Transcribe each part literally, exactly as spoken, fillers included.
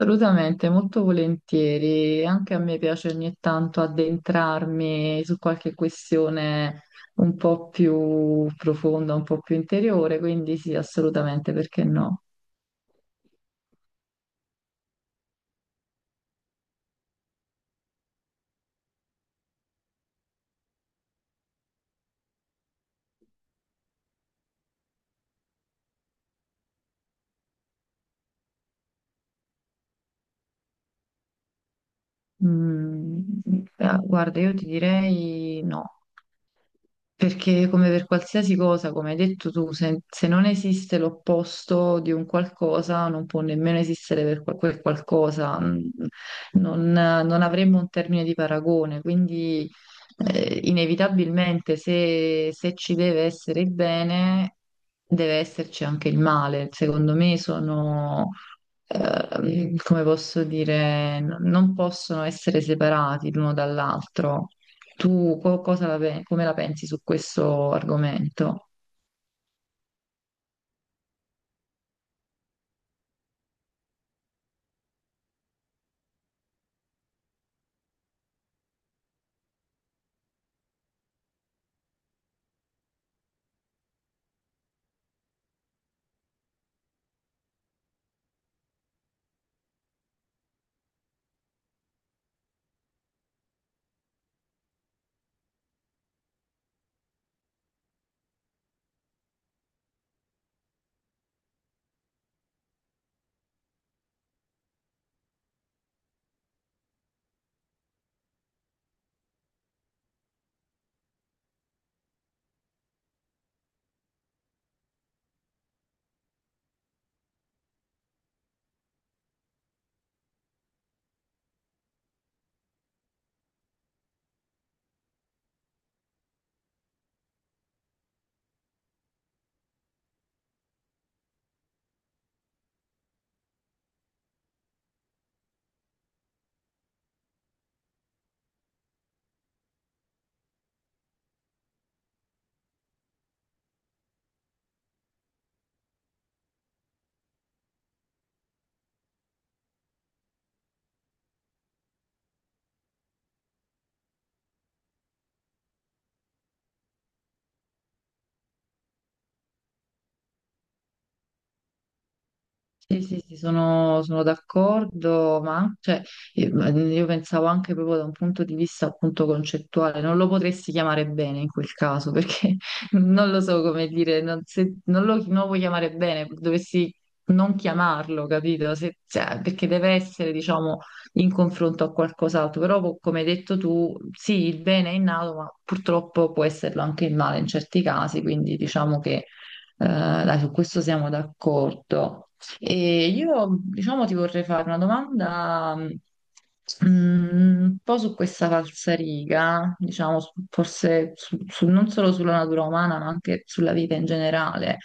Assolutamente, molto volentieri. Anche a me piace ogni tanto addentrarmi su qualche questione un po' più profonda, un po' più interiore, quindi sì, assolutamente, perché no? Mm, ah, guarda, io ti direi no. Perché come per qualsiasi cosa, come hai detto tu, se, se non esiste l'opposto di un qualcosa, non può nemmeno esistere per quel quel qualcosa, Mm, non, non avremmo un termine di paragone, quindi eh, inevitabilmente se, se ci deve essere il bene, deve esserci anche il male. Secondo me sono, ehm, come posso dire, n- non possono essere separati l'uno dall'altro. Tu co- cosa la pe- come la pensi su questo argomento? Sì, sì, sì, sono, sono d'accordo, ma cioè, io io pensavo anche proprio da un punto di vista appunto concettuale, non lo potresti chiamare bene in quel caso, perché non lo so come dire, non, se non lo, non lo puoi chiamare bene, dovresti non chiamarlo, capito? Se- cioè, perché deve essere, diciamo, in confronto a qualcos'altro, però po- come hai detto tu, sì, il bene è innato, ma purtroppo può esserlo anche il male in certi casi, quindi diciamo che eh, dai, su questo siamo d'accordo. E io, diciamo, ti vorrei fare una domanda mh, un po' su questa falsariga, diciamo, su- forse su- su- non solo sulla natura umana, ma anche sulla vita in generale.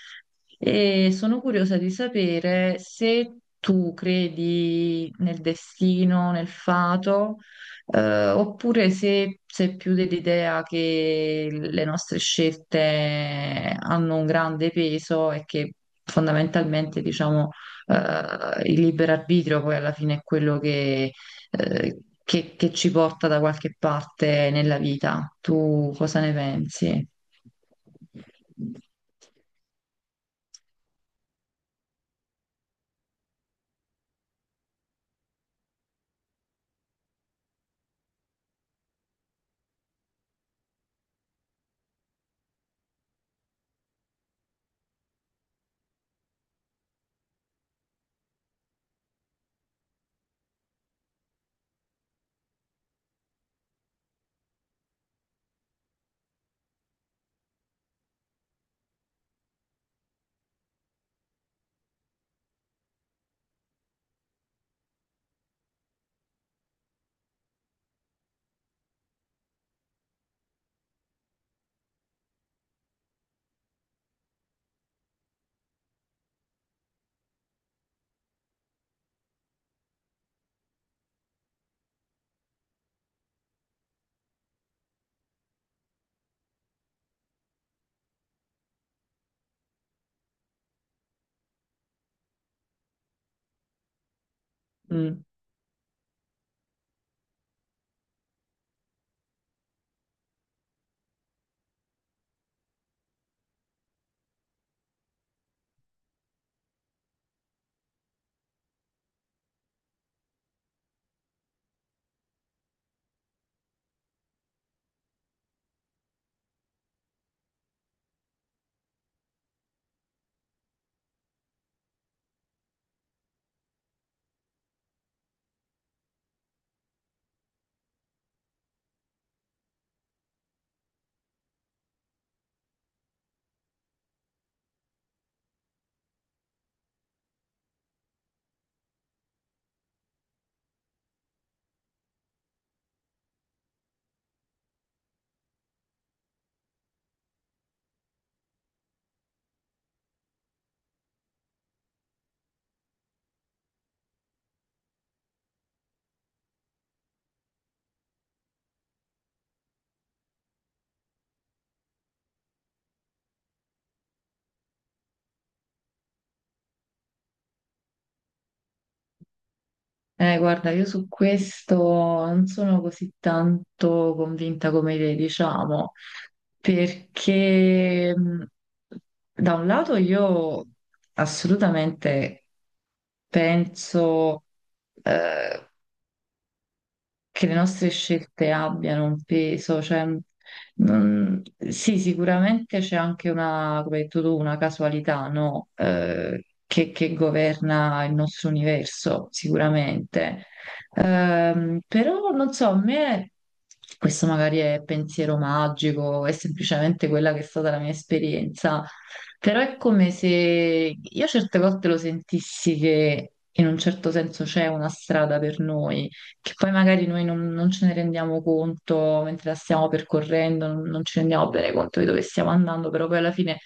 E sono curiosa di sapere se tu credi nel destino, nel fato, eh, oppure se sei più dell'idea che le nostre scelte hanno un grande peso e che fondamentalmente, diciamo, eh, il libero arbitrio poi alla fine è quello che, eh, che- che ci porta da qualche parte nella vita. Tu cosa ne pensi? Mm. Eh, guarda, io su questo non sono così tanto convinta come te, diciamo, perché mh, da un lato io assolutamente penso, eh, che le nostre scelte abbiano un peso, cioè, non- sì, sicuramente c'è anche una, come hai detto tu, una casualità, no? Eh, che, che governa il nostro universo, sicuramente. Ehm, però non so, a me questo magari è pensiero magico, è semplicemente quella che è stata la mia esperienza, però è come se io certe volte lo sentissi che in un certo senso c'è una strada per noi che poi magari noi non, non ce ne rendiamo conto mentre la stiamo percorrendo, non, non ci rendiamo bene conto di dove stiamo andando, però poi alla fine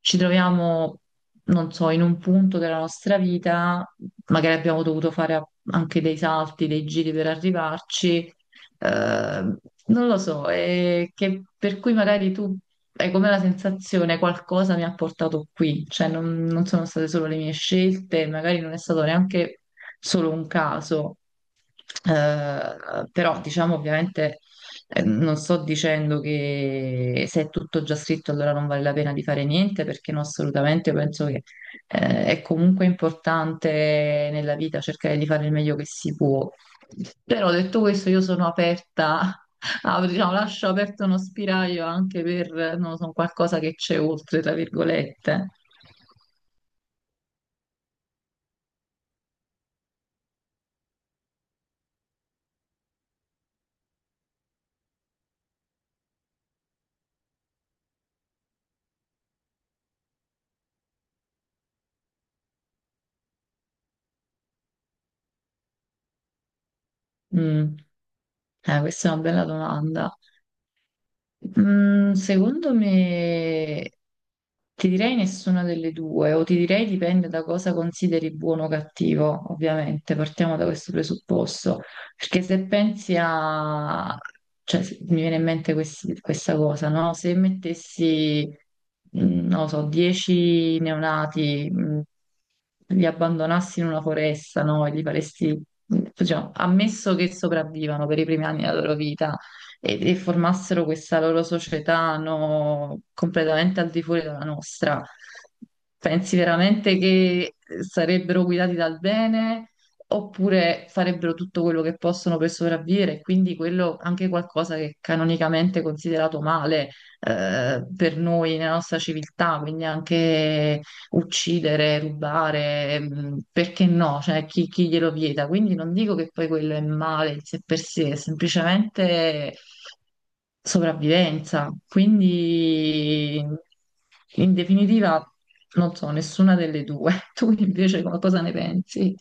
ci troviamo, non so, in un punto della nostra vita, magari abbiamo dovuto fare a- anche dei salti, dei giri per arrivarci, eh, non lo so, e che- per cui magari tu hai come la sensazione qualcosa mi ha portato qui, cioè non, non sono state solo le mie scelte, magari non è stato neanche solo un caso. Eh, però diciamo ovviamente eh, non sto dicendo che se è tutto già scritto allora non vale la pena di fare niente, perché no, assolutamente io penso che eh, è comunque importante nella vita cercare di fare il meglio che si può. Però detto questo, io sono aperta a- diciamo, lascio aperto uno spiraglio anche per, non lo so, qualcosa che c'è oltre, tra virgolette. Mm. Eh, questa è una bella domanda. Mm, secondo me ti direi nessuna delle due, o ti direi dipende da cosa consideri buono o cattivo, ovviamente, partiamo da questo presupposto, perché se pensi a, cioè se- mi viene in mente questi- questa cosa, no? Se mettessi, mm, non lo so, dieci neonati, mm, li abbandonassi in una foresta, no? E li faresti, diciamo, ammesso che sopravvivano per i primi anni della loro vita e, e formassero questa loro società, no, completamente al di fuori dalla nostra. Pensi veramente che sarebbero guidati dal bene, oppure farebbero tutto quello che possono per sopravvivere, e quindi quello, anche qualcosa che è canonicamente considerato male eh, per noi nella nostra civiltà, quindi anche uccidere, rubare, mh, perché no? Cioè, chi, chi glielo vieta? Quindi non dico che poi quello è male in sé per sé, è semplicemente sopravvivenza. Quindi, in definitiva, non so, nessuna delle due. Tu invece co- cosa ne pensi?